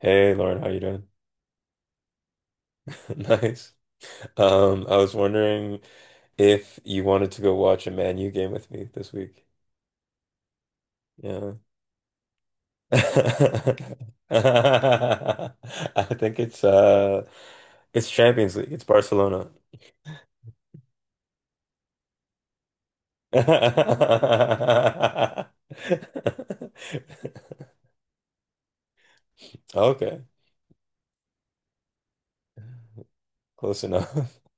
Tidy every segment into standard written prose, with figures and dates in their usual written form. Hey Lauren, how you doing? Nice. I was wondering if you wanted to go watch a Man U game with me this week. Yeah. I think it's it's Champions League. It's Barcelona. Okay, close enough.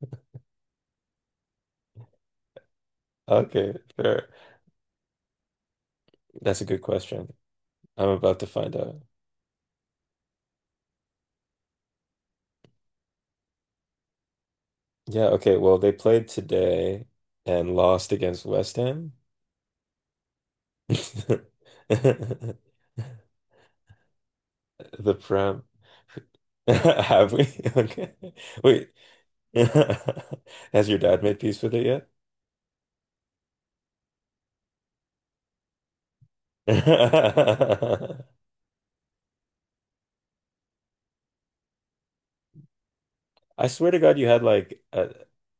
Okay, fair. That's a good question. I'm about to find out. Yeah, okay. Well, they played today and lost against West Ham. The prom. Have we? Okay. Wait. Has your dad made peace with it yet? I swear to God, you had like a,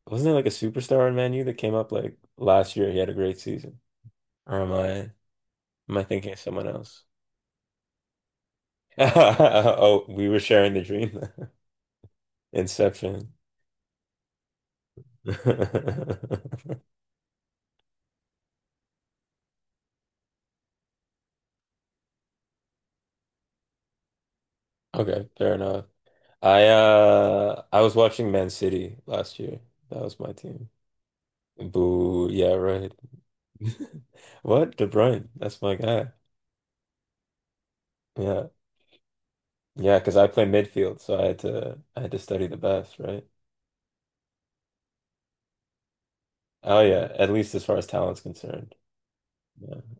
wasn't there like a superstar on Man U that came up like last year? He had a great season. Or am I thinking of someone else? Oh, we were sharing the dream. Inception. Okay, fair enough. I was watching Man City last year. That was my team. Boo, yeah, right. What? De Bruyne, that's my guy. Yeah. Yeah, because I play midfield, so I had to study the best, right? Oh yeah, at least as far as talent's concerned.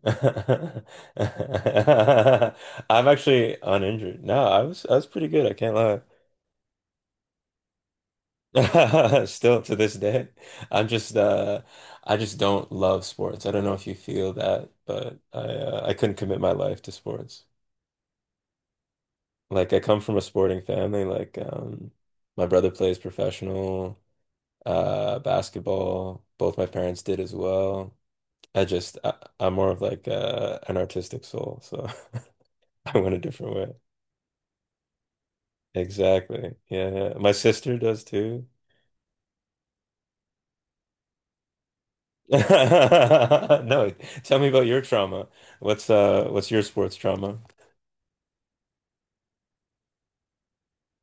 Yeah. I'm actually uninjured. No, I was pretty good, I can't lie. Still to this day. I'm just uh I just don't love sports. I don't know if you feel that, but I couldn't commit my life to sports. Like I come from a sporting family. My brother plays professional basketball. Both my parents did as well. I just I, I'm more of like an artistic soul, so I went a different way. Exactly. Yeah. My sister does too. No, tell me about your trauma. What's your sports trauma?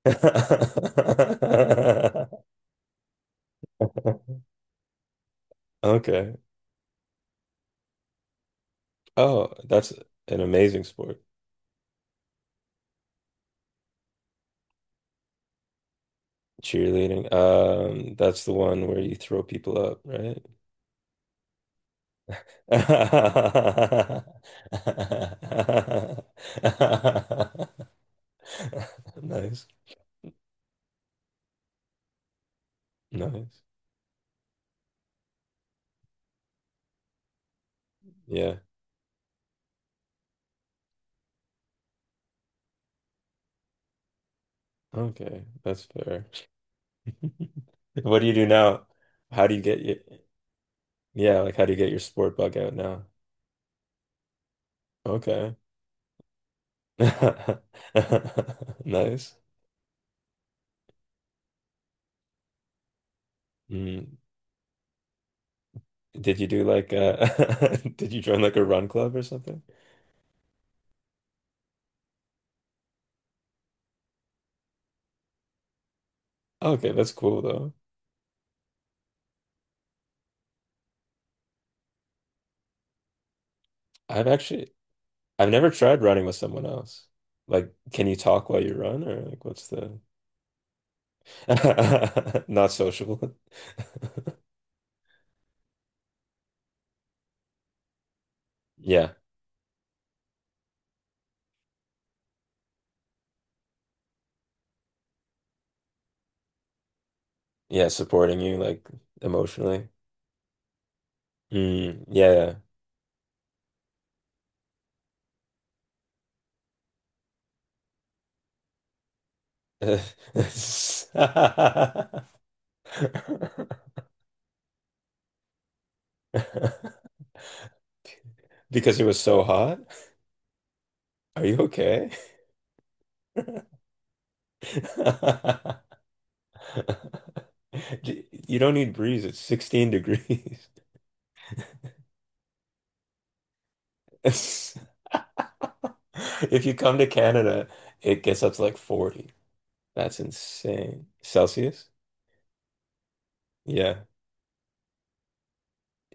Okay. Oh, that's an amazing sport. Cheerleading. That's the one where you throw people up, right? Nice. Nice. Yeah. Okay. That's fair. What do you do now? How do you get your, Yeah, like how do you get your sport bug out now? Okay. Nice. Mm. Did you do did you join like a run club or something? Okay, that's cool though. I've actually I've never tried running with someone else. Like, can you talk while you run, or like, what's the? Not sociable? Yeah, yeah, supporting you like emotionally. Mm, yeah. Because it was so hot. Are you okay? D- You don't need breeze. It's 16 degrees. If you come to Canada, it gets up to like 40. That's insane. Celsius? Yeah.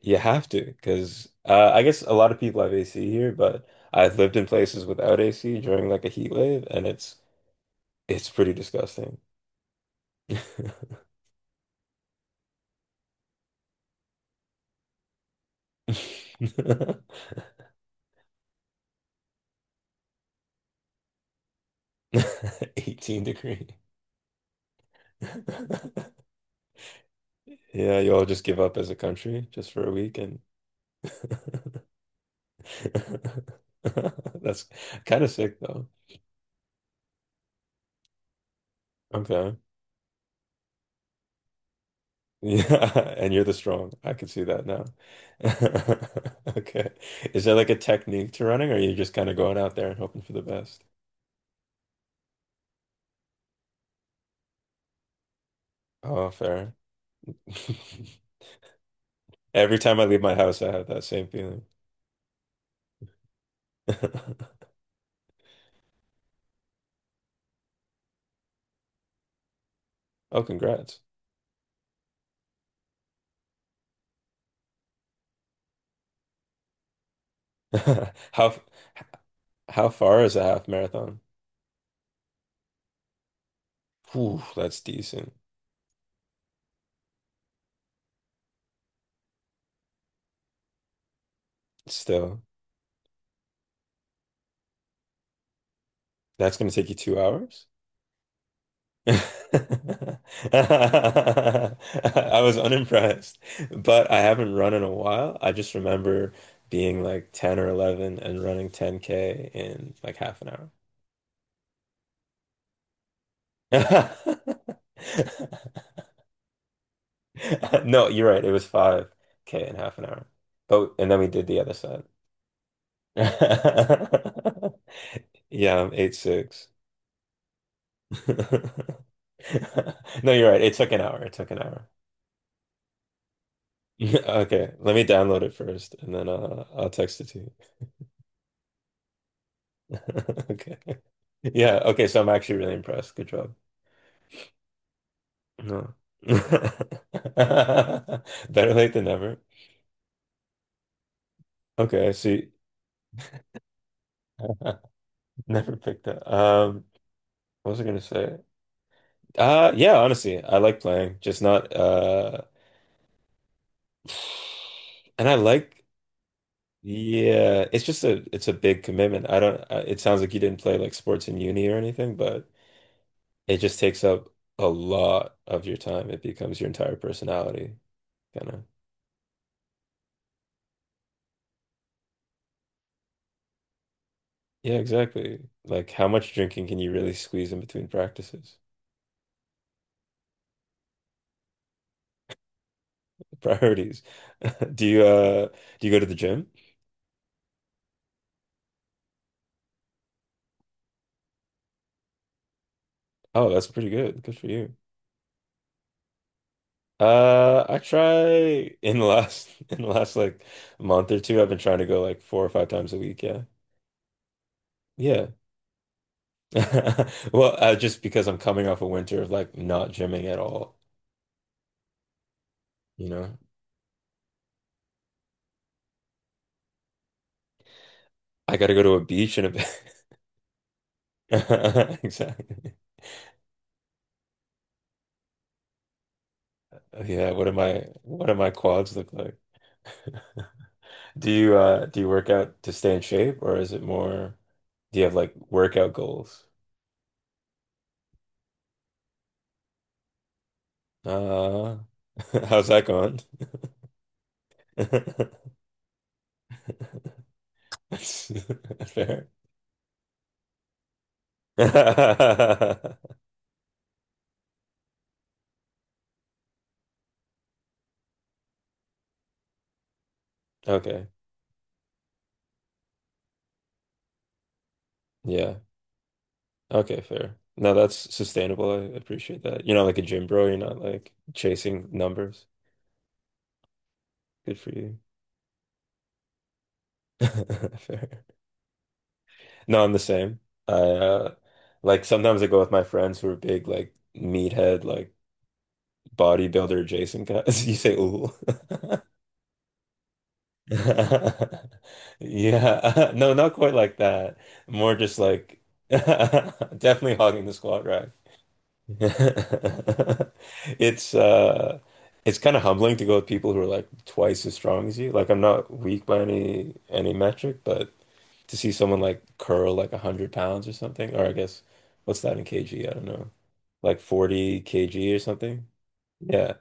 You have to, because I guess a lot of people have AC here, but I've lived in places without AC during like a heat wave, and it's pretty disgusting. 18 degree. Yeah, you all just give up as a country just for a week and that's kind of sick though. Okay. Yeah, and you're the strong. I can see that now. Okay. Is there like a technique to running, or are you just kind of going out there and hoping for the best? Oh, fair. Every time I leave my house, I have that same feeling. Oh, congrats. How how far is a half marathon? Ooh, that's decent. Still, that's gonna take you 2 hours? I was unimpressed, but I haven't run in a while. I just remember being like 10 or 11 and running 10K in like half an hour. No, you're right. It was 5K in half an hour. But and then we did the other side. Yeah, I'm 8'6". No, you're right. It took an hour. It took an hour. Okay, let me download it first and then I'll text it to you. Okay. Yeah, okay, so I'm actually really impressed. Good job. No. Better late than never. Okay, I see. Never picked up. What was I gonna say? Yeah, honestly, I like playing, just not and I like, yeah, it's just a big commitment. I don't I, It sounds like you didn't play like sports in uni or anything, but it just takes up a lot of your time. It becomes your entire personality, kind of. Yeah, exactly. Like, how much drinking can you really squeeze in between practices? Priorities. Do you uh do you go to the gym? Oh, that's pretty good. Good for you. I try, in the last in the last like month or two, I've been trying to go like four or five times a week. Yeah. Yeah. Well, just because I'm coming off a winter of like not gymming at all, you know. I gotta go to a beach in a bit. Exactly. Oh, yeah, what do my quads look like? Do you work out to stay in shape or is it more do you have like workout goals? Uh how's that going? Fair. Okay. Yeah. Okay, fair. No, that's sustainable. I appreciate that. You're not like a gym bro, you're not like chasing numbers. Good for you. Fair. No, I'm the same. I Like sometimes I go with my friends who are big like meathead like bodybuilder Jason got you say ooh. Yeah. No, not quite like that. More just like definitely hogging the squat rack. It's uh it's kind of humbling to go with people who are like twice as strong as you. Like I'm not weak by any metric, but to see someone like curl like 100 pounds or something, or I guess what's that in kg? I don't know. Like 40 kg or something. Yeah.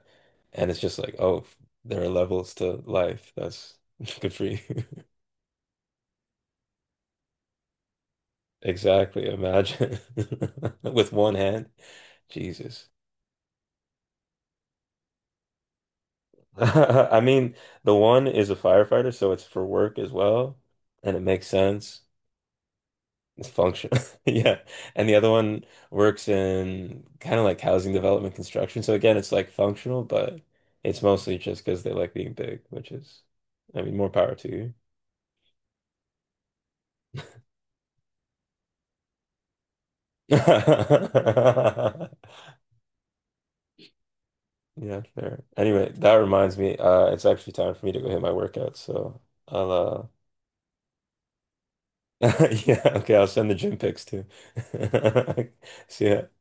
And it's just like, oh, there are levels to life. That's good for you. Exactly. Imagine with one hand. Jesus. I mean, the one is a firefighter, so it's for work as well, and it makes sense. It's functional, yeah. And the other one works in kind of like housing development construction. So again, it's like functional, but it's mostly just because they like being big, which is, I mean, more power to you. Yeah, fair. Anyway, that reminds me, it's actually time for me to go hit my workout, so I'll yeah, okay, I'll send the gym pics too. See ya.